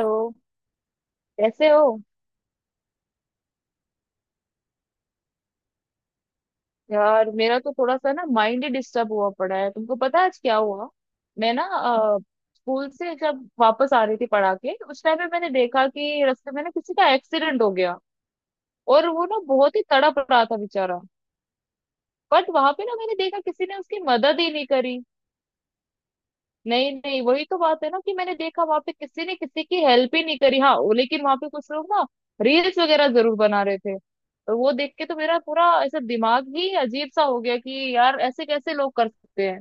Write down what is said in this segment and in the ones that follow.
Hello. कैसे हो? यार मेरा तो थोड़ा सा ना माइंड ही डिस्टर्ब हुआ पड़ा है। तुमको पता है आज क्या हुआ? मैं ना स्कूल से जब वापस आ रही थी पढ़ा के, उस टाइम पे मैंने देखा कि रास्ते में ना किसी का एक्सीडेंट हो गया। और वो ना बहुत ही तड़प रहा था बेचारा। बट वहां पे ना मैंने देखा किसी ने उसकी मदद ही नहीं करी। नहीं नहीं, वही तो बात है ना कि मैंने देखा वहां पे किसी ने किसी की हेल्प ही नहीं करी। हाँ, लेकिन वहां पे कुछ लोग ना रील्स वगैरह जरूर बना रहे थे। और वो देख के तो मेरा पूरा ऐसा दिमाग ही अजीब सा हो गया कि यार ऐसे कैसे लोग कर सकते हैं।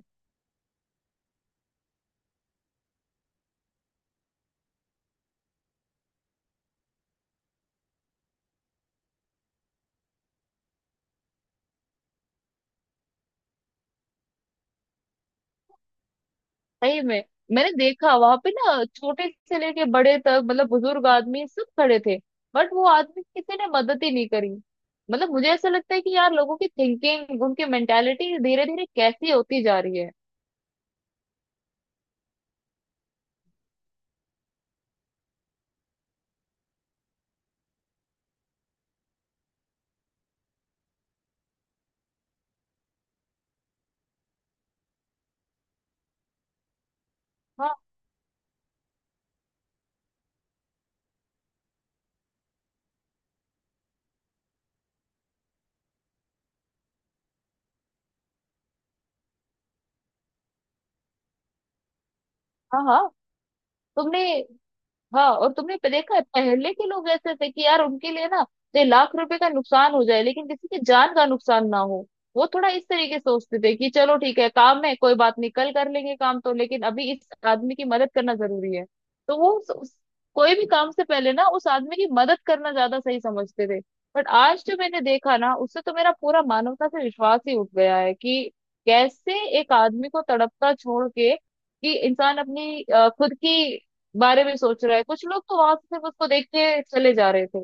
सही में, मैंने देखा वहां पे ना छोटे से लेके बड़े तक, मतलब बुजुर्ग आदमी सब खड़े थे। बट वो आदमी किसी ने मदद ही नहीं करी। मतलब मुझे ऐसा लगता है कि यार लोगों की थिंकिंग, उनकी मेंटेलिटी धीरे धीरे कैसी होती जा रही है। हाँ हाँ हाँ। तुमने, हाँ और तुमने देखा है, पहले के लोग ऐसे थे कि यार उनके लिए ना चाहे लाख रुपए का नुकसान हो जाए लेकिन किसी की जान का नुकसान ना हो। वो थोड़ा इस तरीके से सोचते थे कि चलो ठीक है, काम है, कोई बात नहीं, कल कर लेंगे काम तो, लेकिन अभी इस आदमी की मदद करना जरूरी है। तो वो कोई भी काम से पहले ना उस आदमी की मदद करना ज्यादा सही समझते थे। बट आज जो मैंने देखा ना, उससे तो मेरा पूरा मानवता से विश्वास ही उठ गया है कि कैसे एक आदमी को तड़पता छोड़ के, कि इंसान अपनी खुद की बारे में सोच रहा है। कुछ लोग तो वहां से सिर्फ उसको देख के चले जा रहे थे।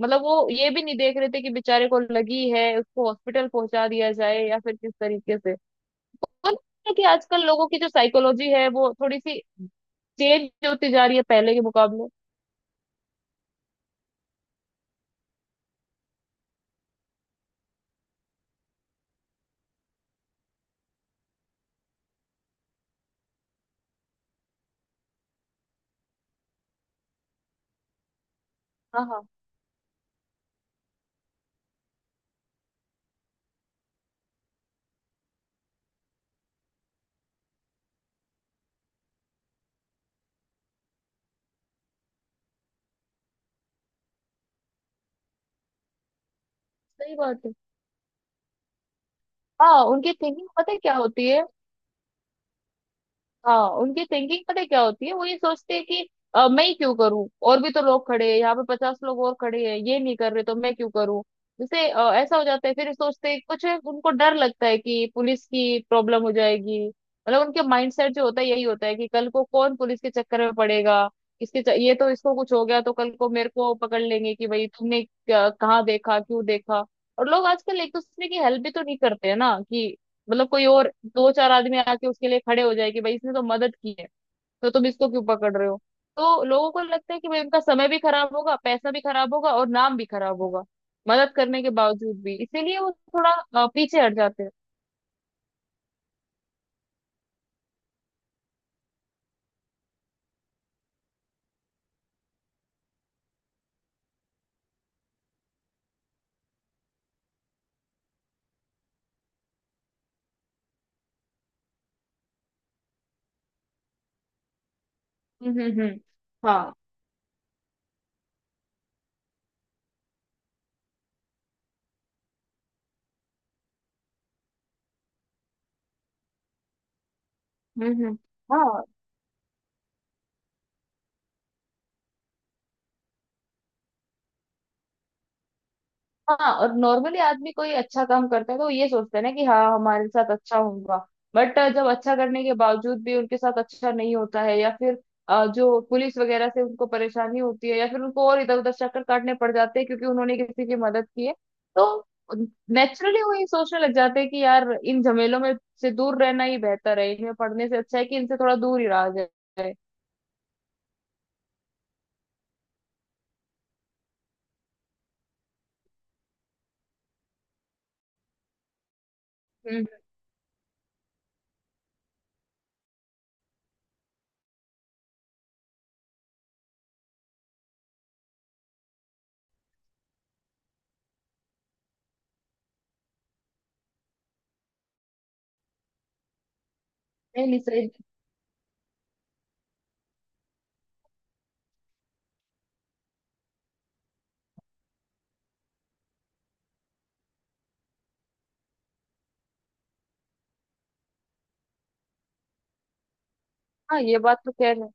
मतलब वो ये भी नहीं देख रहे थे कि बेचारे को लगी है, उसको हॉस्पिटल पहुंचा दिया जाए या फिर किस तरीके से और है कि आजकल लोगों की जो साइकोलॉजी है वो थोड़ी सी चेंज होती जा रही है पहले के मुकाबले। हाँ हाँ। सही बात है। हाँ, उनकी थिंकिंग पता है क्या होती है, हाँ उनकी थिंकिंग पता है क्या होती है। वो ये सोचते हैं कि मैं ही क्यों करूं, और भी तो लोग खड़े हैं, यहाँ पे पचास लोग और खड़े हैं, ये नहीं कर रहे तो मैं क्यों करूं। जैसे ऐसा हो जाता है, फिर सोचते हैं कुछ है, उनको डर लगता है कि पुलिस की प्रॉब्लम हो जाएगी। मतलब उनके माइंडसेट जो होता है यही होता है कि कल को कौन पुलिस के चक्कर में पड़ेगा। ये तो इसको कुछ हो गया तो कल को मेरे को पकड़ लेंगे कि भाई तुमने कहाँ देखा क्यों देखा। और लोग आजकल एक दूसरे की हेल्प भी तो नहीं करते हैं ना कि मतलब कोई और दो चार आदमी आके उसके लिए खड़े हो जाए कि भाई इसने तो मदद की है, तो तुम इसको क्यों पकड़ रहे हो। तो लोगों को लगता है कि भाई उनका समय भी खराब होगा, पैसा भी खराब होगा और नाम भी खराब होगा मदद करने के बावजूद भी, इसीलिए वो थोड़ा पीछे हट जाते हैं। हम्म। हाँ। हम्म। हाँ हाँ, और नॉर्मली आदमी कोई अच्छा काम करता है तो वो ये सोचते हैं ना कि हाँ हमारे साथ अच्छा होगा। बट जब अच्छा करने के बावजूद भी उनके साथ अच्छा नहीं होता है या फिर जो पुलिस वगैरह से उनको परेशानी होती है या फिर उनको और इधर उधर चक्कर काटने पड़ जाते हैं क्योंकि उन्होंने किसी की मदद की है, तो नेचुरली वो ये सोचने लग जाते हैं कि यार इन झमेलों में से दूर रहना ही बेहतर है, इनमें पढ़ने से अच्छा है कि इनसे थोड़ा दूर ही रहा जाए। हम्म। नहीं नहीं, सही। हाँ ये बात तो कह रहे हैं।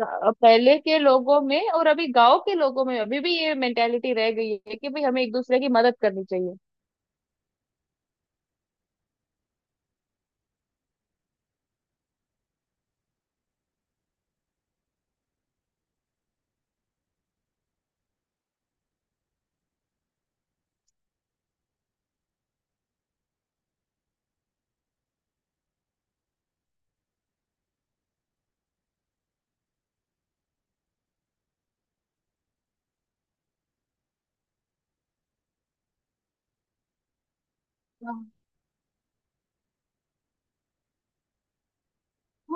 पहले के लोगों में और अभी गांव के लोगों में अभी भी ये मेंटेलिटी रह गई है कि भाई हमें एक दूसरे की मदद करनी चाहिए। हाँ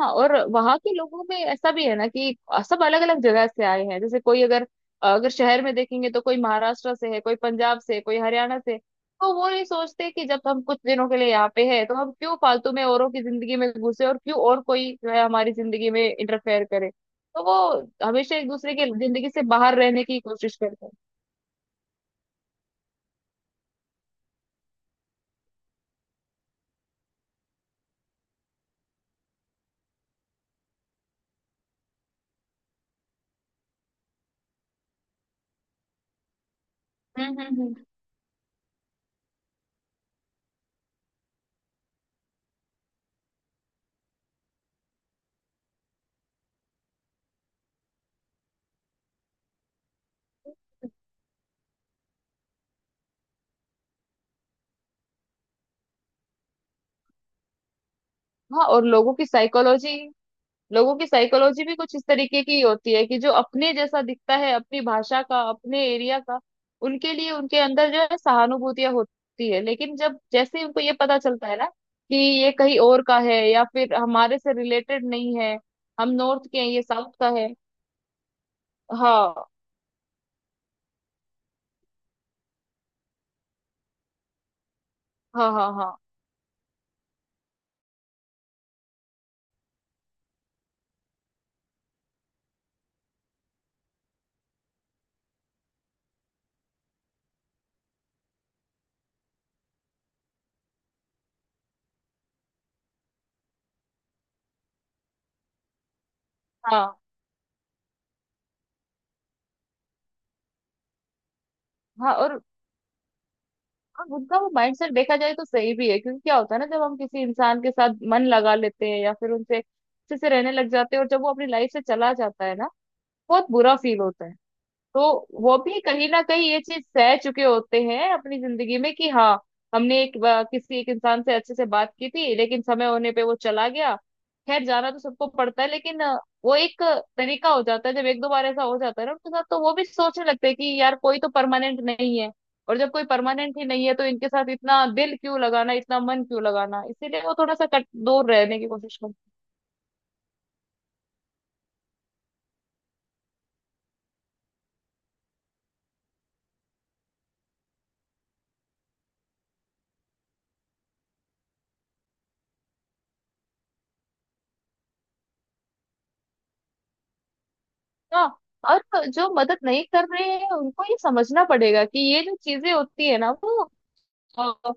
हाँ, और वहां के लोगों में ऐसा भी है ना कि सब अलग अलग जगह से आए हैं। जैसे कोई अगर, अगर शहर में देखेंगे तो कोई महाराष्ट्र से है, कोई पंजाब से, कोई हरियाणा से। तो वो नहीं सोचते कि जब हम कुछ दिनों के लिए यहाँ पे है तो हम क्यों फालतू में औरों की जिंदगी में घुसे और क्यों और कोई जो है हमारी जिंदगी में इंटरफेयर करे। तो वो हमेशा एक दूसरे के जिंदगी से बाहर रहने की कोशिश करते हैं। हम्म। हाँ, और लोगों की साइकोलॉजी, लोगों की साइकोलॉजी भी कुछ इस तरीके की होती है कि जो अपने जैसा दिखता है, अपनी भाषा का, अपने एरिया का, उनके लिए उनके अंदर जो है सहानुभूतियां होती है। लेकिन जब जैसे ही उनको ये पता चलता है ना कि ये कहीं और का है या फिर हमारे से रिलेटेड नहीं है, हम नॉर्थ के हैं ये साउथ का है। हाँ हाँ हाँ। हाँ हाँ हाँ, और उनका वो माइंडसेट देखा जाए तो सही भी है, क्योंकि क्या होता है ना जब हम किसी इंसान के साथ मन लगा लेते हैं या फिर उनसे अच्छे से रहने लग जाते हैं और जब वो अपनी लाइफ से चला जाता है ना बहुत बुरा फील होता है। तो वो भी कहीं ना कहीं ये चीज सह चुके होते हैं अपनी जिंदगी में कि हाँ हमने एक किसी एक इंसान से अच्छे से बात की थी लेकिन समय होने पे वो चला गया। खैर जाना तो सबको पड़ता है लेकिन वो एक तरीका हो जाता है, जब एक दो बार ऐसा हो जाता है ना उनके साथ तो वो भी सोचने लगते हैं कि यार कोई तो परमानेंट नहीं है। और जब कोई परमानेंट ही नहीं है तो इनके साथ इतना दिल क्यों लगाना, इतना मन क्यों लगाना, इसीलिए वो थोड़ा सा कट दूर रहने की कोशिश करते हैं। हाँ, और जो मदद नहीं कर रहे हैं उनको ये समझना पड़ेगा कि ये जो चीजें होती है ना वो अ,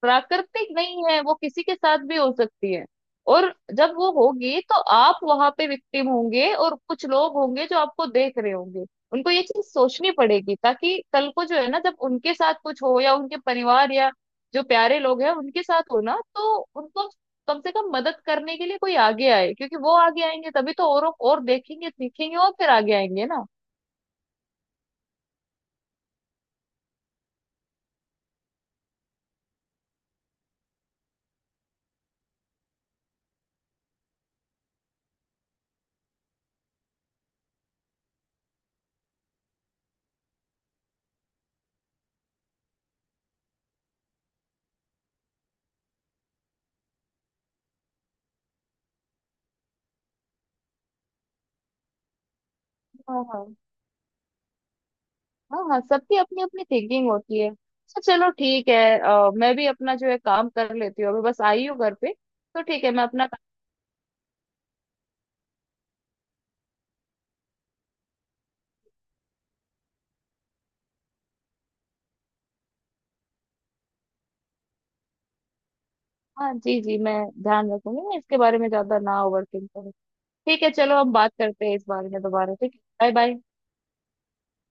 प्राकृतिक नहीं है, वो किसी के साथ भी हो सकती है। और जब वो होगी तो आप वहां पे विक्टिम होंगे और कुछ लोग होंगे जो आपको देख रहे होंगे। उनको ये चीज सोचनी पड़ेगी ताकि कल को जो है ना जब उनके साथ कुछ हो या उनके परिवार या जो प्यारे लोग हैं उनके साथ हो ना, तो उनको कम से कम मदद करने के लिए कोई आगे आए। क्योंकि वो आगे आएंगे तभी तो और देखेंगे सीखेंगे और फिर आगे आएंगे ना। हाँ हाँ। हाँ हाँ, सबकी अपनी अपनी थिंकिंग होती है। अच्छा चलो ठीक है, मैं भी अपना जो है काम कर लेती हूँ, अभी बस आई हूँ घर पे। तो ठीक है, मैं अपना काम, हाँ जी जी, मैं ध्यान रखूंगी, मैं इसके बारे में ज्यादा ना ओवर थिंक करूँ। ठीक है, चलो हम बात करते हैं इस बारे में दोबारा। ठीक है, बाय बाय।